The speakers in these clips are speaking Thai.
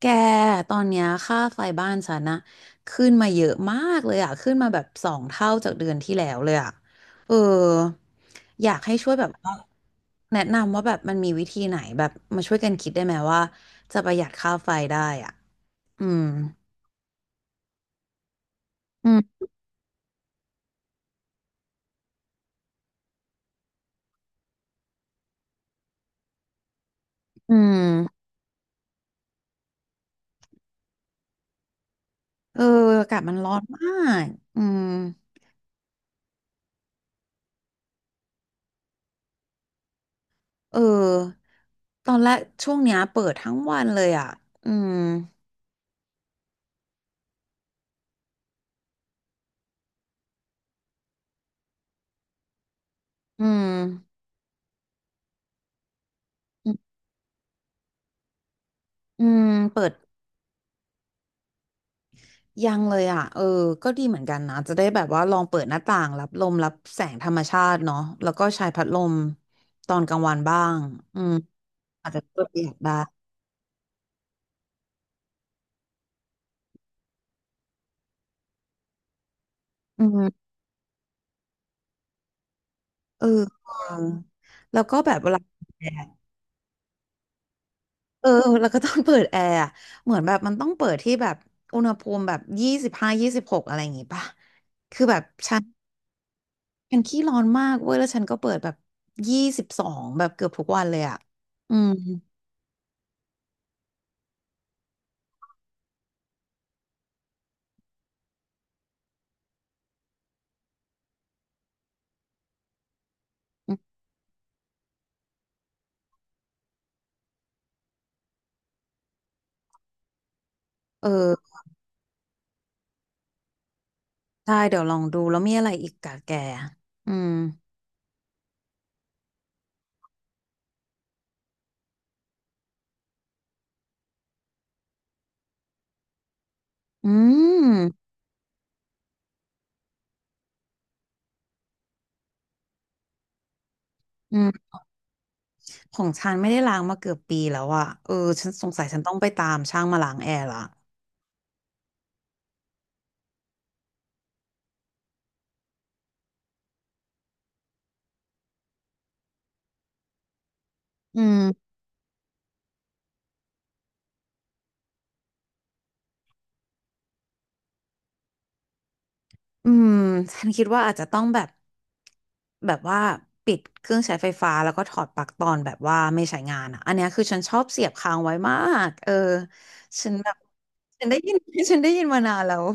แกตอนเนี้ยค่าไฟบ้านฉันนะขึ้นมาเยอะมากเลยอะขึ้นมาแบบสองเท่าจากเดือนที่แล้วเลยอะเอออยากให้ช่วยแบบว่าแนะนำว่าแบบมันมีวิธีไหนแบบมาช่วยกันคิดได้ไหมว่าจะประหยัดค่าไฟได้อ่ะอืมอืมอืมเอออากาศมันร้อนมากอืมเออตอนแรกช่วงเนี้ยเปิดทั้งวันเลยอ่ะอืมอืมอืมอืมเปิด ยังเลยอ่ะเออก็ดีเหมือนกันนะจะได้แบบว่าลองเปิดหน้าต่างรับลมรับแสงธรรมชาติเนาะแล้วก็ใช้พัดลมตอนกลางวันบ้างอืมอาจจะช่วยประหยัดได้อืมเออเออแล้วก็แบบเวลาแอร์เออแล้วก็ต้องเปิดแอร์อะเหมือนแบบมันต้องเปิดที่แบบอุณหภูมิแบบยี่สิบห้ายี่สิบหกอะไรอย่างงี้ป่ะคือแบบฉันฉันขี้ร้อนมากเว้ยแล้วฉันก็เปิดแบบยี่สิบสองแบบเกือบทุกวันเลยอ่ะอืมเออ ได้เดี๋ยวลองดูแล้วมีอะไรอีกกะแกอืม อืมอืมของฉันไม่ได้ล้างมาเกือบปีแล้วอะเออฉันสงสัยฉันต้องไปตามช่างมาล้างแอร์ละอืม อืมฉันคิดว่าอาจจะต้องแบบแบบว่าปิดเครื่องใช้ไฟฟ้าแล้วก็ถอดปลั๊กตอนแบบว่าไม่ใช้งานอ่ะอันเนี้ยคือฉันชอบเสียบค้างไว้มากเออฉันแบบฉันได้ยิน ฉันได้ยินมานานแล้ว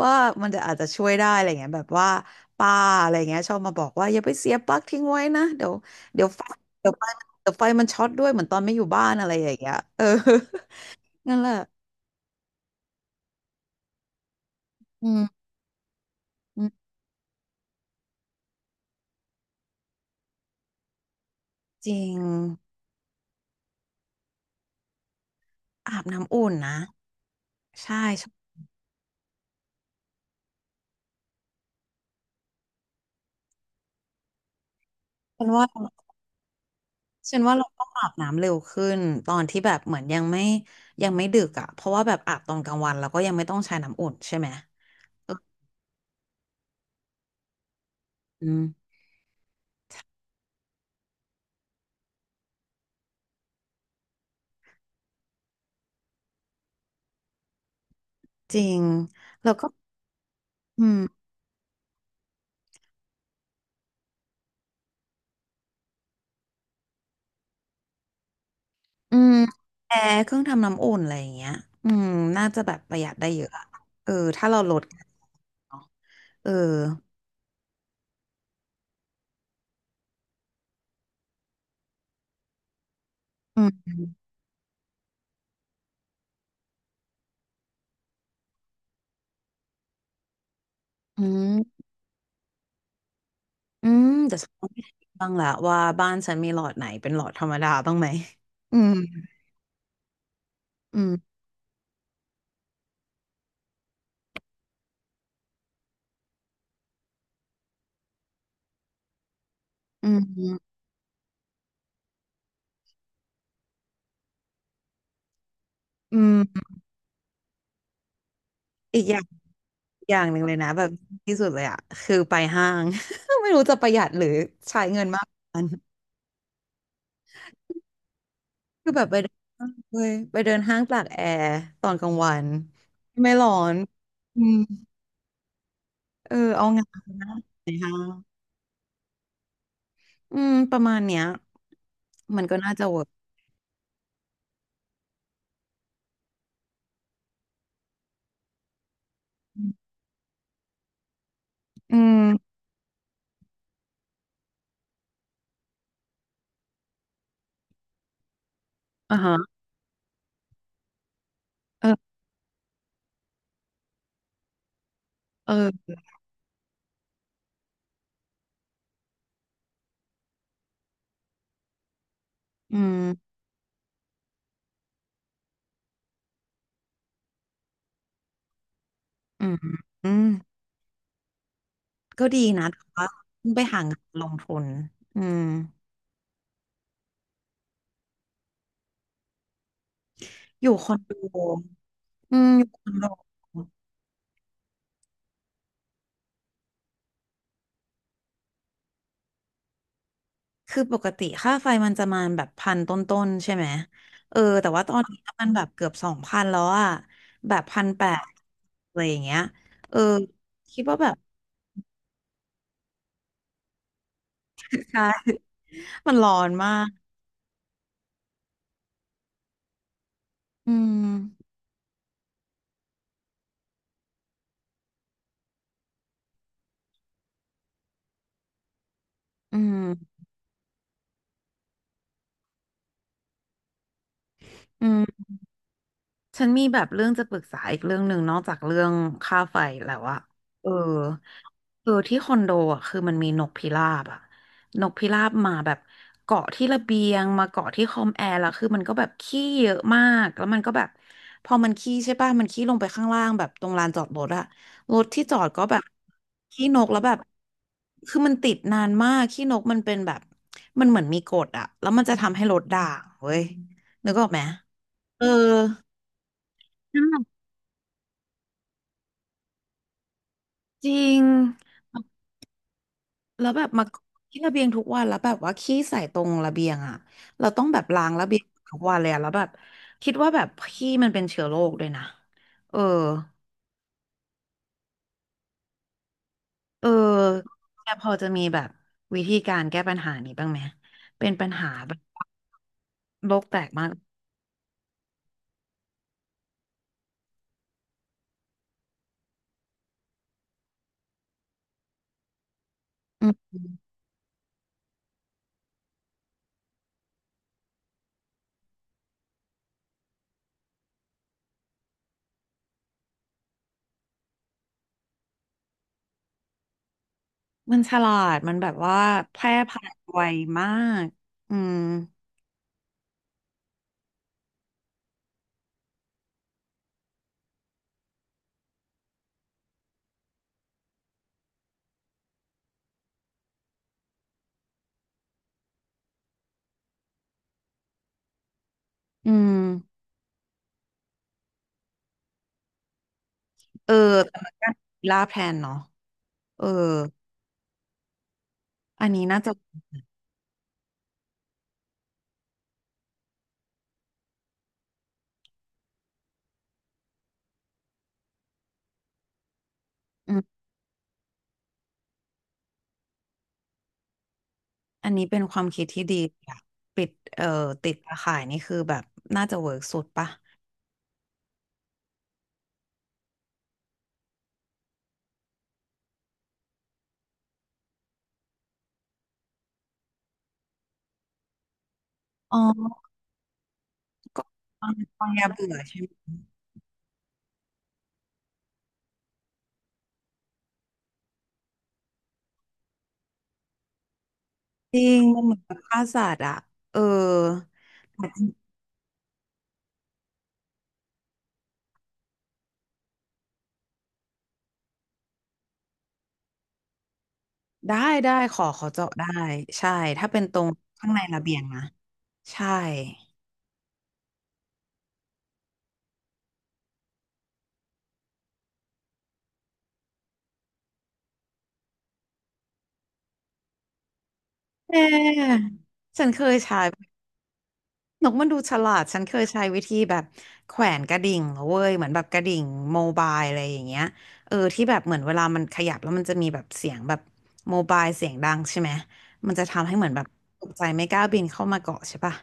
ว่ามันจะอาจจะช่วยได้อะไรเงี้ยแบบว่าป้าอะไรเงี้ยชอบมาบอกว่าอย่าไปเสียบปลั๊กทิ้งไว้นะเดี๋ยวเดี๋ยวไฟเดี๋ยวไฟมันเดี๋ยวไฟมันช็อตด้วยเหมือนตอนไม่อยู่บ้านอะไรอย่างเงี้ยเออ นั่นแหละอืมอืมจริงอาบน้ำอุ่นนะใช่ฉันว่า ฉันว่าเราต้องอาบน้ำเร็วขึ้นตอนที่แบบเหมือนยังไม่ยังไม่ดึกอ่ะเพราะว่าแบบอาบตอนกลางวันเราก็ยังไม่ต้องใช้น้ำอุ่นใช่ไหมเอออืมจริงแล้วก็อืมอืมแอร์เครื่องทำน้ำอุ่นอะไรอย่างเงี้ยอืมน่าจะแบบประหยัดได้เยอะอะเออถ้าเราลดเนาะเอออืมอืมอืมเดี๋ยวฉันต้องไปดูบ้างละว่าบ้านฉันมีหลอดไหนเป็นหลอดธรรมดาบ้างไหมอืมอืมอืมอืม อีกอย่างอย่างหนึ่งเลยนะแบบที่สุดเลยอะคือไปห้าง ไม่รู้จะประหยัดหรือใช้เงินมากกันคือแบบไปเดินห้างเว้ยไปเดินห้างตากแอร์ตอนกลางวันไม่ร้อนอืมเออเอางานนะในห้างอืมประมาณเนี้ยมันก็น่าจะเวิร์กอืมอ่าฮะเออเอออืมอืมอืมก็ดีนะแต่ว่าต้องไปหางานลงทุนอืมอยู่คอนโดอืมอยู่คอนโด คือปกติค่าไฟมันจะมาแบบพันต้นๆใช่ไหมเออแต่ว่าตอนนี้มันแบบเกือบสองพันแล้วอะแบบพันแปดอะไรอย่างเงี้ยเออคิดว่าแบบ ใช่ มันร้อนมากอืมอืมอืม ฉันมีแบบเรื่องจะปรึกษาอีกเรื่องหนึ่งนอกจากเรื่องค่าไฟแล้วอะเออเออที่คอนโดอะคือมันมีนกพิราบอะนกพิราบมาแบบเกาะที่ระเบียงมาเกาะที่คอมแอร์แล้วคือมันก็แบบขี้เยอะมากแล้วมันก็แบบพอมันขี้ใช่ป่ะมันขี้ลงไปข้างล่างแบบตรงลานจอดรถอะรถที่จอดก็แบบขี้นกแล้วแบบคือมันติดนานมากขี้นกมันเป็นแบบมันเหมือนมีกฎอะแล้วมันจะทำให้รถด่างเว้ยนึกออกไหมเออ น้ำหนักจริงแล้วแบบมาที่ระเบียงทุกวันแล้วแบบว่าขี้ใส่ตรงระเบียงอ่ะเราต้องแบบล้างระเบียงทุกวันเลยอะแล้วแบบคิดว่าแบบขี้มันเป็นเชื้อโรคด้วยนะเออเออแกพอจะมีแบบวิธีการแก้ปัญหานี้บ้างไหมเป็นปัญหาแบบโลกแตกมากอืมมันฉลาด มันแบบว่าแพร่พันธุ์ไวมากอืมอืมเออแต่มันก็ล่าแพลนเนาะเอออันนี้น่าจะ อันนี้เป็นความคิดที่ดีอะปิดเอ่อติดตาข่ายนี่คือแบบน่าจะเวิร์กสุดปะอ๋อก็ตอนตอนยาเบื่อใช่ไหมจริงมันเหมือนกับฆ่าสัตว์อะเออได้ได้ขอขอเจาะได้ใช่ถ้าเป็นตรงข้างในระเบียงนะใช่แต่ฉันเคยใช้ นกมันดูฉลาดฉันเคยใช้วิธีแบบแขวนกระดิ่งเว้ยเหมือนแบบกระดิ่งโมบายอะไรอย่างเงี้ยเออที่แบบเหมือนเวลามันขยับแล้วมันจะมีแบบเสียงแบบโมบายเสียงดังใช่ไหมมันจะทำให้เหมือนแบบตกใจไม่กล้าบินเข้ามาเกาะใช่ปะ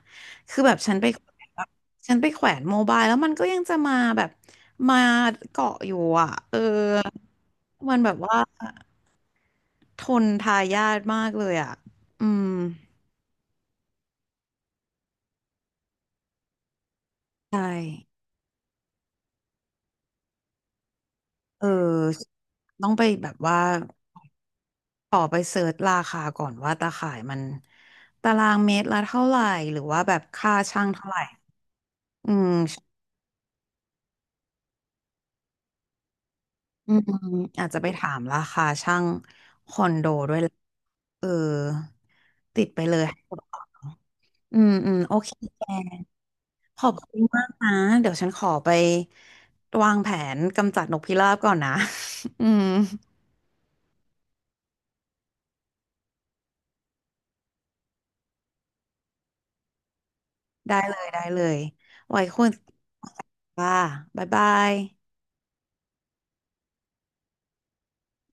คือแบบฉันไปแขวนแบบฉันไปแขวนโมบายแล้วมันก็ยังจะมาแบบมาเกาะอยู่อ่ะเออมันแบบว่าทนทายาทมากเลยอ่ะอืมใช่เออต้องไปแบบว่า ขอไปเสิร์ชราคาก่อนว่าตาข่ายมันตารางเมตรละเท่าไหร่หรือว่าแบบค่าช่างเท่าไหร่อืมอืมอืมอาจจะไปถามราคาช่างคอนโดด้วยแหละเออติดไปเลยอืมอืมโอเคแกขอบคุณมากนะ เดี๋ยวฉันขอไปวางแผนกำจัดนกพิราบก่อนนะ อืมได้เลยได้เลย ไว้คุยกันค่ะบ๊ายบาย